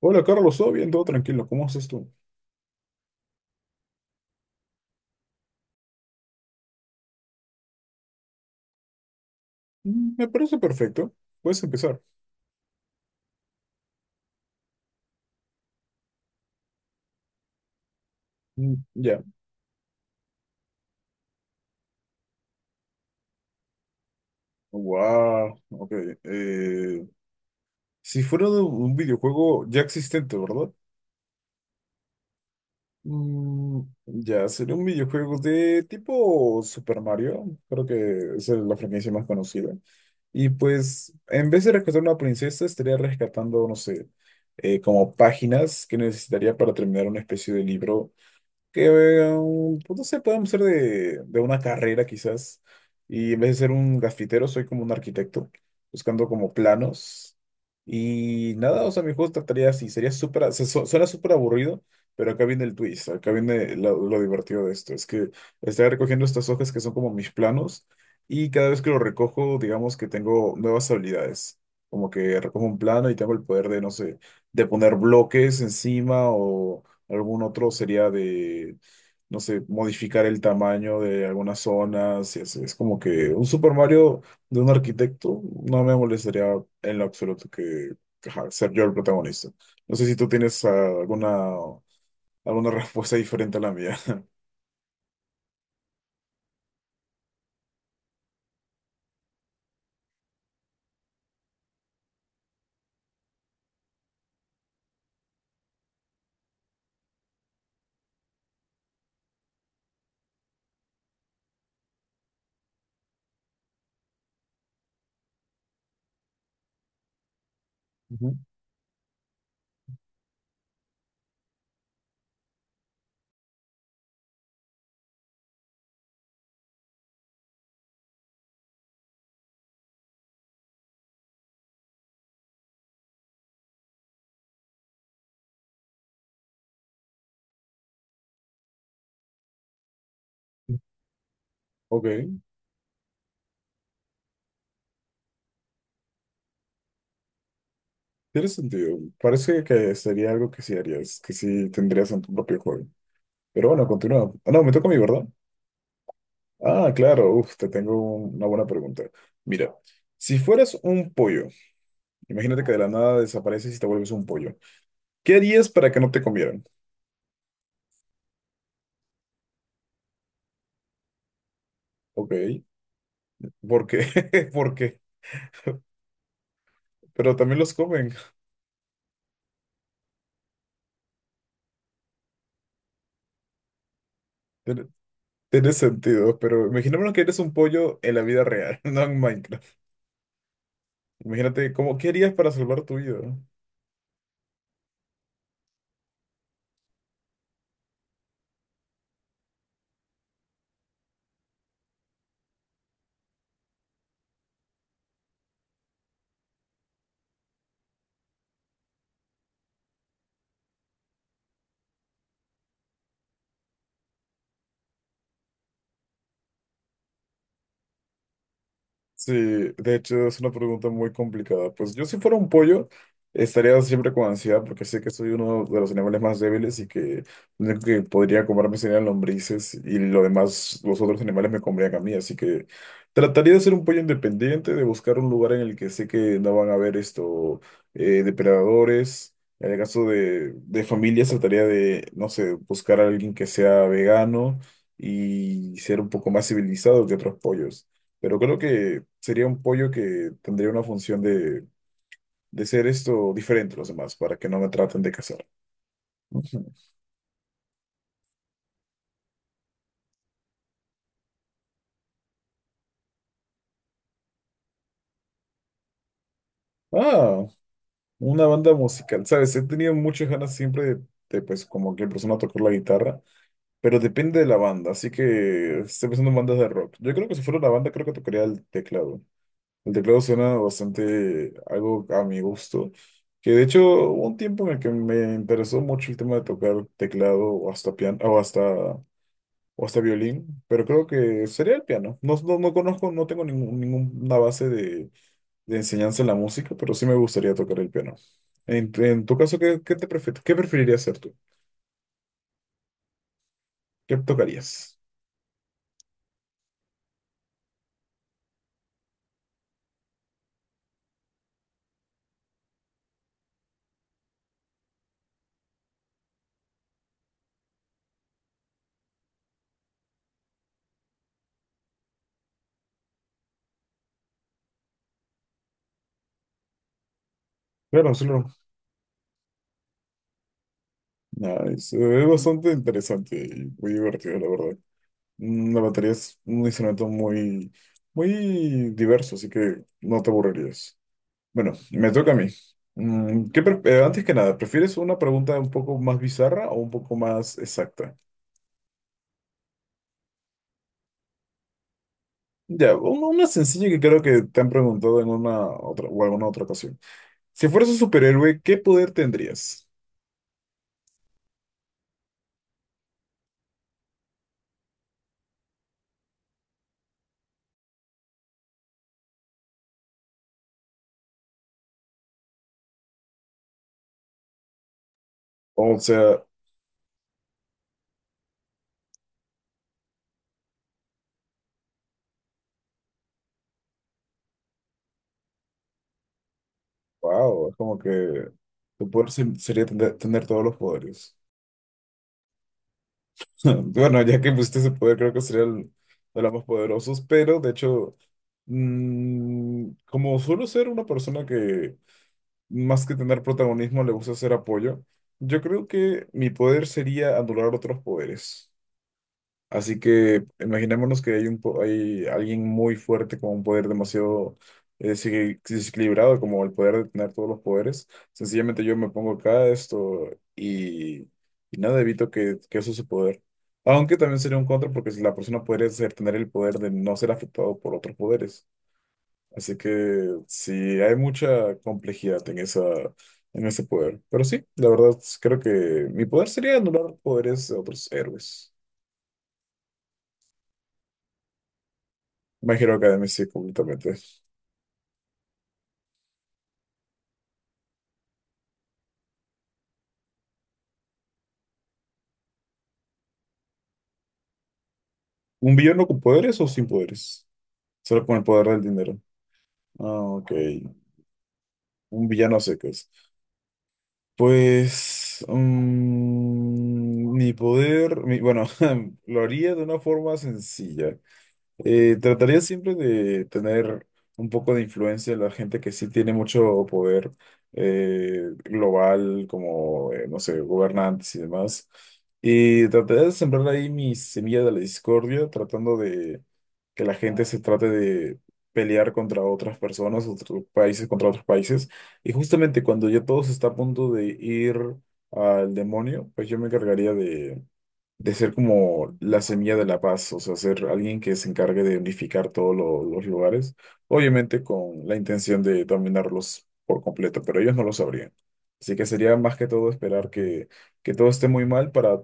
Hola Carlos, todo bien, todo tranquilo, ¿cómo haces tú? Me parece perfecto, puedes empezar. Mm, ya. Wow, ok. eh, si fuera de un videojuego ya existente, ¿verdad? Mm, ya, sería un videojuego de tipo Super Mario, creo que esa es la franquicia más conocida. Y pues, en vez de rescatar una princesa, estaría rescatando, no sé, como páginas que necesitaría para terminar una especie de libro. Que, pues no sé, podemos ser de una carrera quizás. Y en vez de ser un grafitero, soy como un arquitecto, buscando como planos. Y nada, o sea, mi juego trataría así, sería súper, suena súper aburrido, pero acá viene el twist, acá viene lo divertido de esto. Es que estoy recogiendo estas hojas que son como mis planos y cada vez que lo recojo, digamos que tengo nuevas habilidades. Como que recojo un plano y tengo el poder de, no sé, de poner bloques encima. Algún otro sería de, no sé, modificar el tamaño de algunas zonas. Y así. Es como que un Super Mario de un arquitecto no me molestaría en lo absoluto que, ajá, ser yo el protagonista. No sé si tú tienes alguna respuesta diferente a la mía. Ujú. Ok, tiene sentido. Parece que sería algo que sí harías, que sí tendrías en tu propio juego. Pero bueno, continúa. Ah, no, me toca a mí, ¿verdad? Ah, claro, uf, te tengo una buena pregunta. Mira, si fueras un pollo, imagínate que de la nada desapareces y te vuelves un pollo. ¿Qué harías para que no te comieran? Ok, ¿por qué? ¿Por qué? Pero también los comen. Tiene, tiene sentido, pero imaginémonos que eres un pollo en la vida real, no en Minecraft. Imagínate, ¿cómo, qué harías para salvar tu vida? Sí, de hecho es una pregunta muy complicada. Pues yo, si fuera un pollo, estaría siempre con ansiedad porque sé que soy uno de los animales más débiles y que lo único que podría comerme serían lombrices y lo demás, los otros animales me comerían a mí. Así que trataría de ser un pollo independiente, de buscar un lugar en el que sé que no van a haber esto, depredadores. En el caso de familias, trataría de, no sé, buscar a alguien que sea vegano y ser un poco más civilizado que otros pollos. Pero creo que sería un pollo que tendría una función de ser esto diferente a los demás, para que no me traten de cazar. Ujú. Ah, una banda musical. Sabes, he tenido muchas ganas siempre de, pues, como que persona tocar la guitarra, pero depende de la banda, así que estoy pensando en bandas de rock. Yo creo que si fuera una banda, creo que tocaría el teclado. El teclado suena bastante algo a mi gusto. Que de hecho, hubo un tiempo en el que me interesó mucho el tema de tocar teclado o hasta piano, o hasta violín, pero creo que sería el piano. No, no, no conozco, no tengo ninguna base de enseñanza en la música, pero sí me gustaría tocar el piano. En tu caso, ¿qué preferirías hacer tú? ¿Qué tocarías? Claro, solo. Nada, es bastante interesante y muy divertido, la verdad. La batería es un instrumento muy, muy diverso, así que no te aburrirías. Bueno, me toca a mí. Antes que nada, ¿prefieres una pregunta un poco más bizarra o un poco más exacta? Ya, una sencilla que creo que te han preguntado en una otra o alguna otra ocasión. Si fueras un superhéroe, ¿qué poder tendrías? O sea, wow, es como que tu poder sería tener, tener todos los poderes. Bueno, ya que pusiste ese poder, creo que sería el de los más poderosos, pero de hecho, como suelo ser una persona que más que tener protagonismo le gusta hacer apoyo, yo creo que mi poder sería anular otros poderes. Así que imaginémonos que hay alguien muy fuerte con un poder demasiado desequilibrado, como el poder de tener todos los poderes. Sencillamente yo me pongo acá esto y, y nada, evito que eso se poder. Aunque también sería un contra porque si la persona podría ser- tener el poder de no ser afectado por otros poderes. Así que sí, hay mucha complejidad en esa, en ese poder. Pero sí, la verdad creo que mi poder sería anular poderes de otros héroes. My Hero Academia, sí, completamente. ¿Un villano con poderes o sin poderes? Solo con el poder del dinero. Ah, ok. Un villano a secas. Pues. Mi poder. Bueno, lo haría de una forma sencilla. Trataría siempre de tener un poco de influencia en la gente que sí tiene mucho poder global, como, no sé, gobernantes y demás. Y trataría de sembrar ahí mi semilla de la discordia, tratando de que la gente se trate de pelear contra otras personas, otros países contra otros países. Y justamente cuando ya todo se está a punto de ir al demonio, pues yo me encargaría de ser como la semilla de la paz, o sea, ser alguien que se encargue de unificar todos los lugares, obviamente con la intención de dominarlos por completo, pero ellos no lo sabrían. Así que sería más que todo esperar que todo esté muy mal para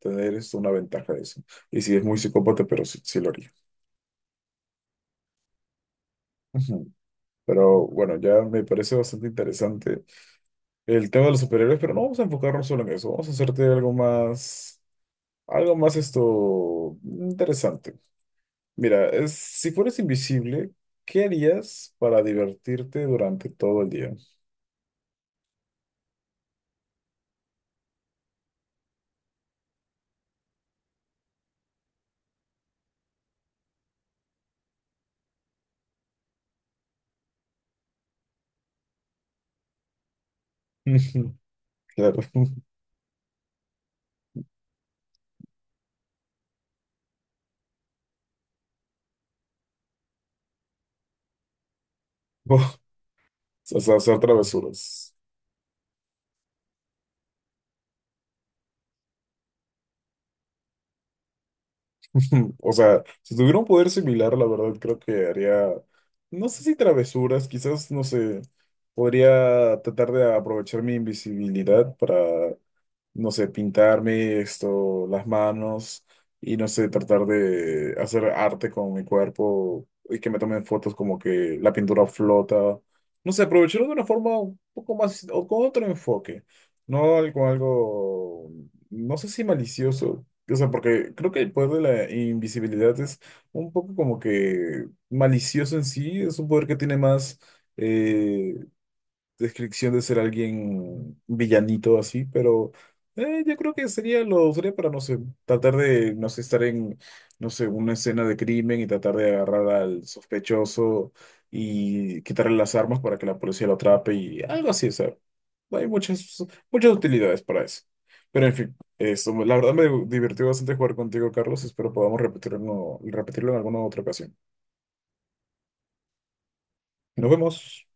tener esto, una ventaja de eso. Y si es muy psicópata, pero sí, sí lo haría. Ujú. Pero bueno, ya me parece bastante interesante el tema de los superhéroes, pero no vamos a enfocarnos solo en eso, vamos a hacerte algo más esto interesante. Mira, si fueras invisible, ¿qué harías para divertirte durante todo el día? Claro. O sea, hacer travesuras. O sea, si tuviera un poder similar, la verdad creo que haría, no sé si travesuras, quizás, no sé, podría tratar de aprovechar mi invisibilidad para, no sé, pintarme esto, las manos y no sé, tratar de hacer arte con mi cuerpo y que me tomen fotos como que la pintura flota. No sé, aprovecharlo de una forma un poco más o con otro enfoque, no algo, algo, no sé si malicioso. O sea, porque creo que el poder de la invisibilidad es un poco como que malicioso en sí, es un poder que tiene más, eh, descripción de ser alguien villanito así, pero yo creo que sería lo sería para, no sé, tratar de, no sé, estar en, no sé, una escena de crimen y tratar de agarrar al sospechoso y quitarle las armas para que la policía lo atrape y algo así, o sea, hay muchas, muchas utilidades para eso. Pero en fin, eso, la verdad me divirtió bastante jugar contigo, Carlos. Espero podamos repetirlo en alguna otra ocasión. Nos vemos.